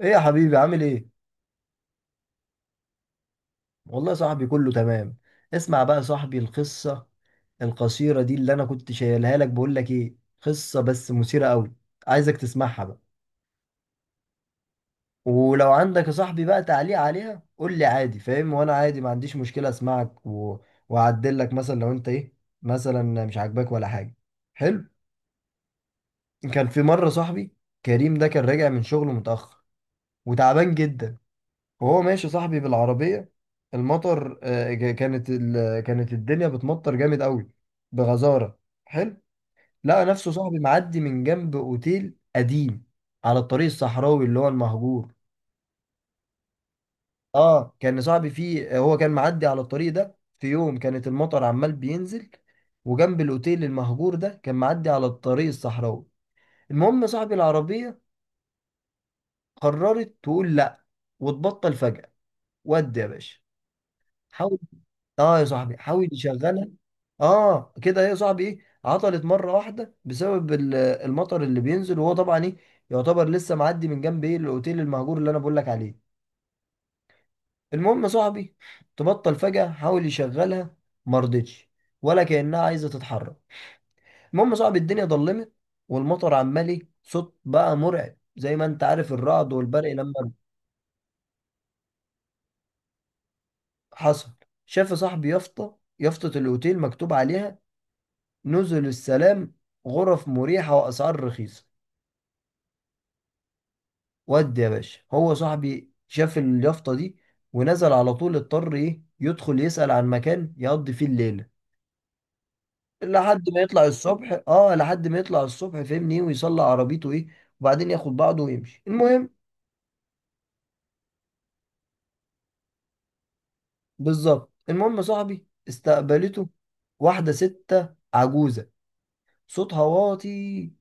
ايه يا حبيبي، عامل ايه؟ والله يا صاحبي، كله تمام. اسمع بقى يا صاحبي، القصة القصيرة دي اللي انا كنت شايلها لك، بقول لك ايه، قصة بس مثيرة قوي. عايزك تسمعها بقى. ولو عندك يا صاحبي بقى تعليق عليها قول لي عادي، فاهم، وانا عادي ما عنديش مشكلة اسمعك واعدل لك مثلا لو انت ايه، مثلا مش عاجباك ولا حاجة. حلو. كان في مرة صاحبي كريم ده كان راجع من شغله متأخر وتعبان جدا. وهو ماشي صاحبي بالعربية المطر كانت الدنيا بتمطر جامد قوي، بغزارة. حلو. لقى نفسه صاحبي معدي من جنب اوتيل قديم على الطريق الصحراوي اللي هو المهجور. اه، كان صاحبي فيه، هو كان معدي على الطريق ده في يوم كانت المطر عمال بينزل، وجنب الاوتيل المهجور ده كان معدي على الطريق الصحراوي. المهم صاحبي العربية قررت تقول لا وتبطل فجأة، ودي يا باشا. حاول، اه يا صاحبي حاول يشغلها. اه كده، ايه يا صاحبي ايه، عطلت مره واحده بسبب المطر اللي بينزل، وهو طبعا ايه، يعتبر لسه معدي من جنب ايه الاوتيل المهجور اللي انا بقول لك عليه. المهم يا صاحبي، تبطل فجاه، حاول يشغلها، ما رضتش، ولا كانها عايزه تتحرك. المهم يا صاحبي، الدنيا ضلمت، والمطر عمال ايه صوت بقى مرعب، زي ما انت عارف، الرعد والبرق لما. حصل. شاف يا صاحبي يافطه، الاوتيل مكتوب عليها نزل السلام، غرف مريحة وأسعار رخيصة. ودي يا باشا هو صاحبي شاف اليافطة دي، ونزل على طول، اضطر ايه يدخل يسأل عن مكان يقضي فيه الليلة لحد ما يطلع الصبح، اه لحد ما يطلع الصبح، فاهمني إيه، ويصلي عربيته ايه، وبعدين ياخد بعضه ويمشي، المهم. بالظبط المهم صاحبي استقبلته واحدة ستة عجوزة صوتها واطي.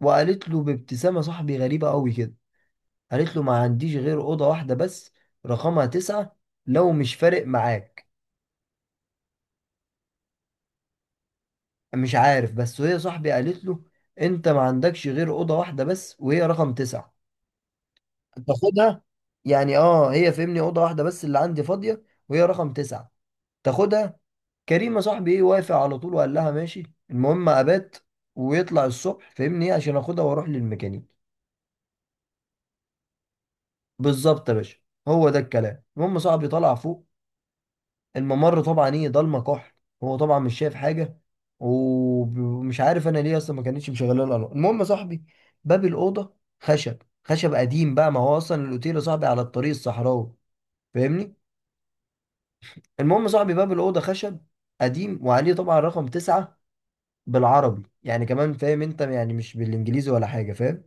وقالت له بابتسامة صاحبي غريبة قوي كده، قالت له ما عنديش غير أوضة واحدة بس، رقمها تسعة، لو مش فارق معاك. مش عارف بس وهي صاحبي قالت له، أنت ما عندكش غير أوضة واحدة بس وهي رقم تسعة، تاخدها، يعني اه هي فهمني أوضة واحدة بس اللي عندي فاضية، وهي رقم تسعة، تاخدها. كريمة صاحبي ايه، وافق على طول وقال لها ماشي، المهم أبات ويطلع الصبح فهمني ايه عشان اخدها واروح للميكانيك. بالظبط يا باشا، هو ده الكلام، المهم صاحبي طلع فوق، الممر طبعا ايه ضلمه كحل. هو طبعا مش شايف حاجه، ومش عارف انا ليه اصلا ما كانتش مشغله الالوان، المهم يا صاحبي باب الاوضه خشب، خشب قديم بقى، ما هو اصلا الاوتيل يا صاحبي على الطريق الصحراوي، فاهمني. المهم يا صاحبي باب الاوضه خشب قديم، وعليه طبعا رقم تسعة بالعربي يعني كمان، فاهم انت، يعني مش بالانجليزي ولا حاجه، فاهم.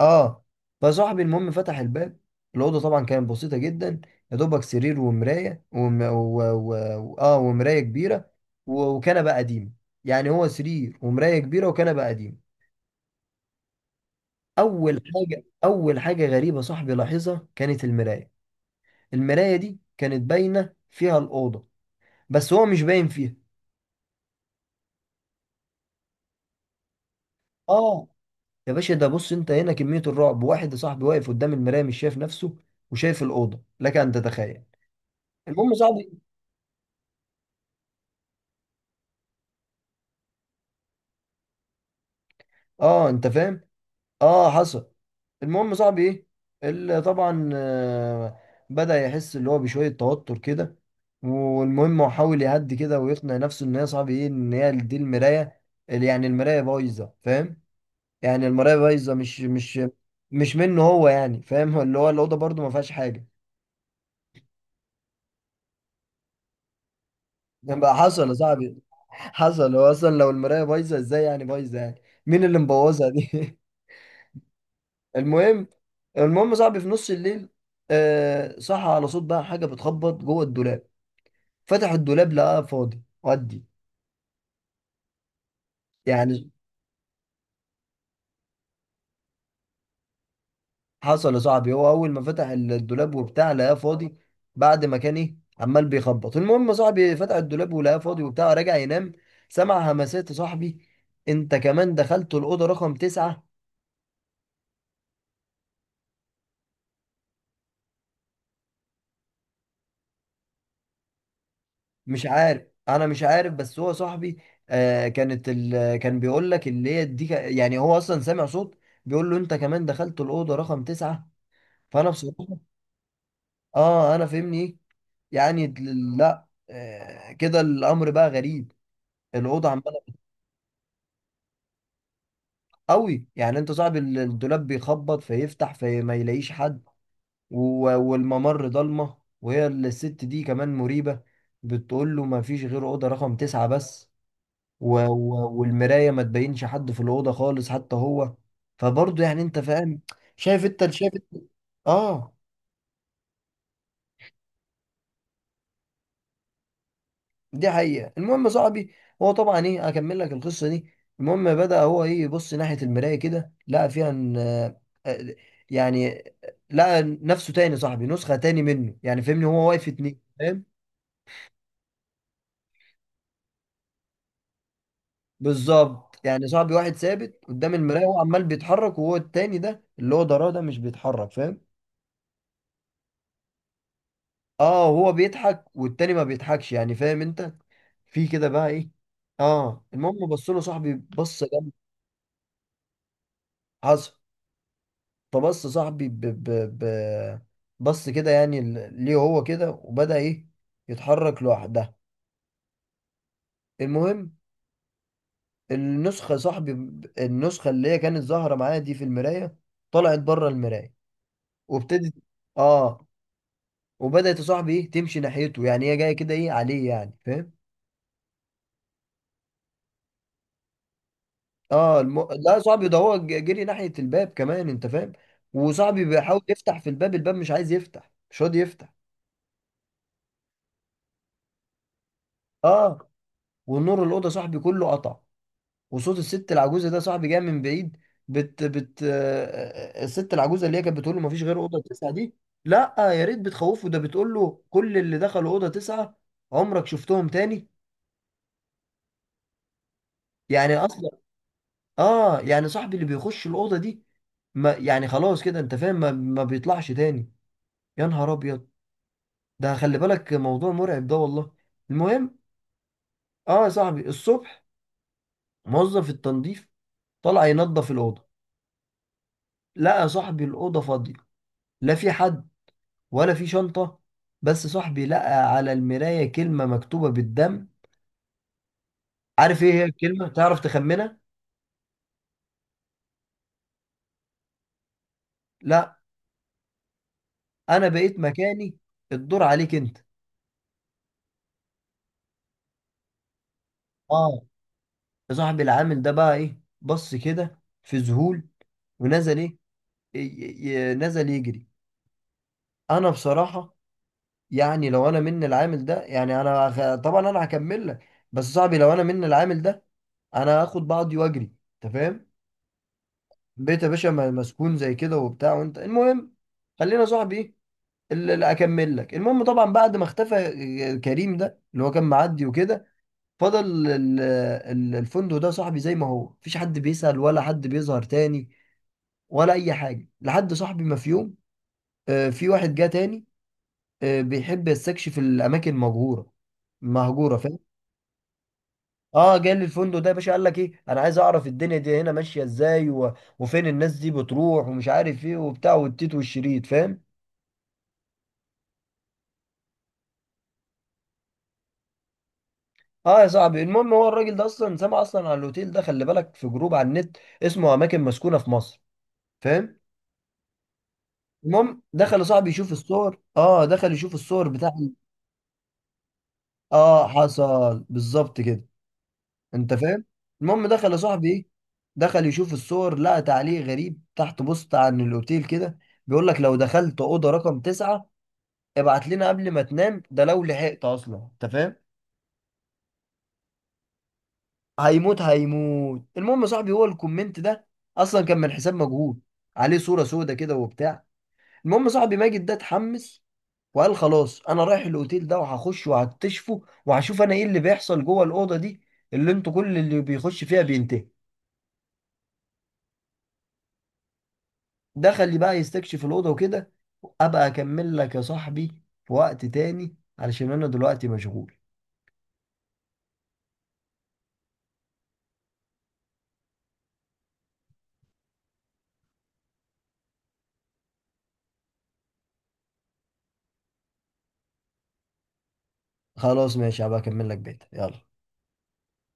اه، فصاحبي المهم فتح الباب، الاوضه طبعا كانت بسيطه جدا. يا دوبك سرير ومرايه وم... و... و... و... اه ومرايه كبيره وكنبه قديمه. يعني هو سرير ومرايه كبيره وكنبه قديمه. اول حاجه غريبه صاحبي لاحظها كانت المرايه. المرايه دي كانت باينه فيها الاوضه، بس هو مش باين فيها. اه يا باشا ده، بص انت هنا كميه الرعب، واحد يا صاحبي واقف قدام المرايه مش شايف نفسه وشايف الاوضه، لك ان تتخيل. المهم صاحبي. اه، انت فاهم. اه حصل. المهم صاحبي ايه، اللي طبعا بدأ يحس اللي هو بشوية توتر كده. والمهم هو حاول يهدي كده ويقنع نفسه ان هي صاحبي ايه ان هي دي المراية، اللي يعني المراية بايظة، فاهم. يعني المراية بايظة، مش منه هو، يعني فاهم. اللي هو الأوضة برضو ما فيهاش حاجة. بقى حصل يا صاحبي حصل، هو اصلا لو المراية بايظة ازاي يعني بايظة، يعني مين اللي مبوظها دي. المهم. يا صاحبي في نص الليل، آه صح على صوت بقى حاجه بتخبط جوه الدولاب. فتح الدولاب لقاه فاضي، ودي يعني. حصل يا صاحبي هو اول ما فتح الدولاب وبتاع لقاه فاضي، بعد ما كان ايه عمال بيخبط، المهم يا صاحبي فتح الدولاب ولقاه فاضي وبتاع، رجع ينام. سمع همسات يا صاحبي، انت كمان دخلت الاوضه رقم تسعة. مش عارف، انا مش عارف بس هو صاحبي كان بيقول لك اللي هي دي يعني هو اصلا سامع صوت بيقول له انت كمان دخلت الاوضه رقم تسعة. فانا بصراحه اه انا فهمني ايه، يعني لا، كده الامر بقى غريب. الاوضه عماله قوي، يعني انت صاحب الدولاب بيخبط فيفتح فما يلاقيش حد، و... والممر ضلمه، وهي الست دي كمان مريبه. بتقول له ما فيش غير اوضه رقم تسعة بس، والمراية ما تبينش حد في الأوضة خالص، حتى هو. فبرضه يعني انت فاهم، شايف انت، شايف انت. اه دي حقيقة. المهم يا صاحبي، هو طبعا ايه، اكمل لك القصة دي. المهم بدأ هو ايه يبص ناحية المراية كده، لقى فيها ان آه، يعني لقى نفسه تاني يا صاحبي، نسخة تاني منه، يعني فهمني هو واقف اتنين، فاهم. بالظبط يعني صاحبي واحد ثابت قدام المراية وهو عمال بيتحرك، وهو التاني ده اللي هو ضراه ده مش بيتحرك، فاهم. اه هو بيضحك والتاني ما بيضحكش، يعني فاهم انت في كده بقى ايه. اه المهم بص له صاحبي بص جنب، حصل. فبص صاحبي ب... بص كده، يعني ليه هو كده، وبدأ ايه يتحرك لوحدها. المهم النسخة صاحبي، النسخة اللي هي كانت ظاهرة معايا دي في المراية طلعت بره المراية، وابتدت اه وبدأت يا صاحبي ايه تمشي ناحيته، يعني هي جاية كده ايه عليه، يعني فاهم. اه لا صاحبي ده هو جري ناحية الباب كمان، انت فاهم. وصاحبي بيحاول يفتح في الباب، الباب مش عايز يفتح، مش راضي يفتح. اه، والنور الأوضة صاحبي كله قطع، وصوت الست العجوزة ده صاحبي جاي من بعيد. بت بت آه، الست العجوزة اللي هي كانت بتقول له مفيش غير أوضة تسعة دي. لا يا ريت بتخوفه، ده بتقول له كل اللي دخلوا أوضة تسعة عمرك شفتهم تاني. يعني أصلا. اه يعني صاحبي اللي بيخش الأوضة دي، ما يعني خلاص كده انت فاهم، ما بيطلعش تاني. يا نهار أبيض. ده خلي بالك موضوع مرعب ده والله. المهم. اه يا صاحبي الصبح موظف التنظيف طلع ينظف الأوضة، لقى صاحبي الأوضة فاضية، لا في حد ولا في شنطة، بس صاحبي لقى على المراية كلمة مكتوبة بالدم. عارف ايه هي الكلمة؟ تعرف تخمنها؟ لا. انا بقيت مكاني، الدور عليك انت. اه يا صاحبي العامل ده بقى ايه، بص كده في ذهول، ونزل ايه، ي- نزل يجري. انا بصراحة، يعني لو انا من العامل ده يعني انا طبعا انا هكمل لك، بس صاحبي لو انا من العامل ده انا هاخد بعضي واجري، انت فاهم. بيت يا باشا مسكون زي كده وبتاع، وانت المهم. خلينا صاحبي ايه اللي اكمل لك، المهم طبعا بعد ما اختفى كريم ده اللي هو كان معدي وكده، فضل ال- الفندق ده صاحبي زي ما هو، مفيش حد بيسأل ولا حد بيظهر تاني، ولا اي حاجه، لحد صاحبي ما في يوم في واحد جه تاني بيحب يستكشف الاماكن مهجوره، مهجوره فاهم. اه جاي لي الفندق ده يا باشا قال لك ايه، انا عايز اعرف الدنيا دي هنا ماشيه ازاي وفين الناس دي بتروح ومش عارف ايه وبتاع والتيت والشريط، فاهم. اه يا صاحبي المهم هو الراجل ده اصلا سمع اصلا عن الاوتيل ده، خلي بالك في جروب على النت اسمه اماكن مسكونه في مصر، فاهم. المهم دخل يا صاحبي يشوف الصور، اه دخل يشوف الصور بتاع. اه حصل بالظبط كده، انت فاهم. المهم دخل يا صاحبي ايه، دخل يشوف الصور، لقى تعليق غريب تحت بوست عن الاوتيل كده، بيقول لك لو دخلت اوضه رقم تسعة، ابعت لنا قبل ما تنام، ده لو لحقت اصلا، انت فاهم. هيموت هيموت. المهم يا صاحبي هو الكومنت ده اصلا كان من حساب مجهول، عليه صورة سودة كده وبتاع. المهم يا صاحبي ماجد ده اتحمس وقال خلاص انا رايح الاوتيل ده، وهخش وهكتشفه وهشوف انا ايه اللي بيحصل جوه الاوضه دي، اللي انتوا كل اللي بيخش فيها بينتهي. دخل لي بقى يستكشف الاوضه وكده. ابقى اكمل لك يا صاحبي في وقت تاني علشان انا دلوقتي مشغول. خلاص ماشي، هبقى اكمل لك بيت، يلا.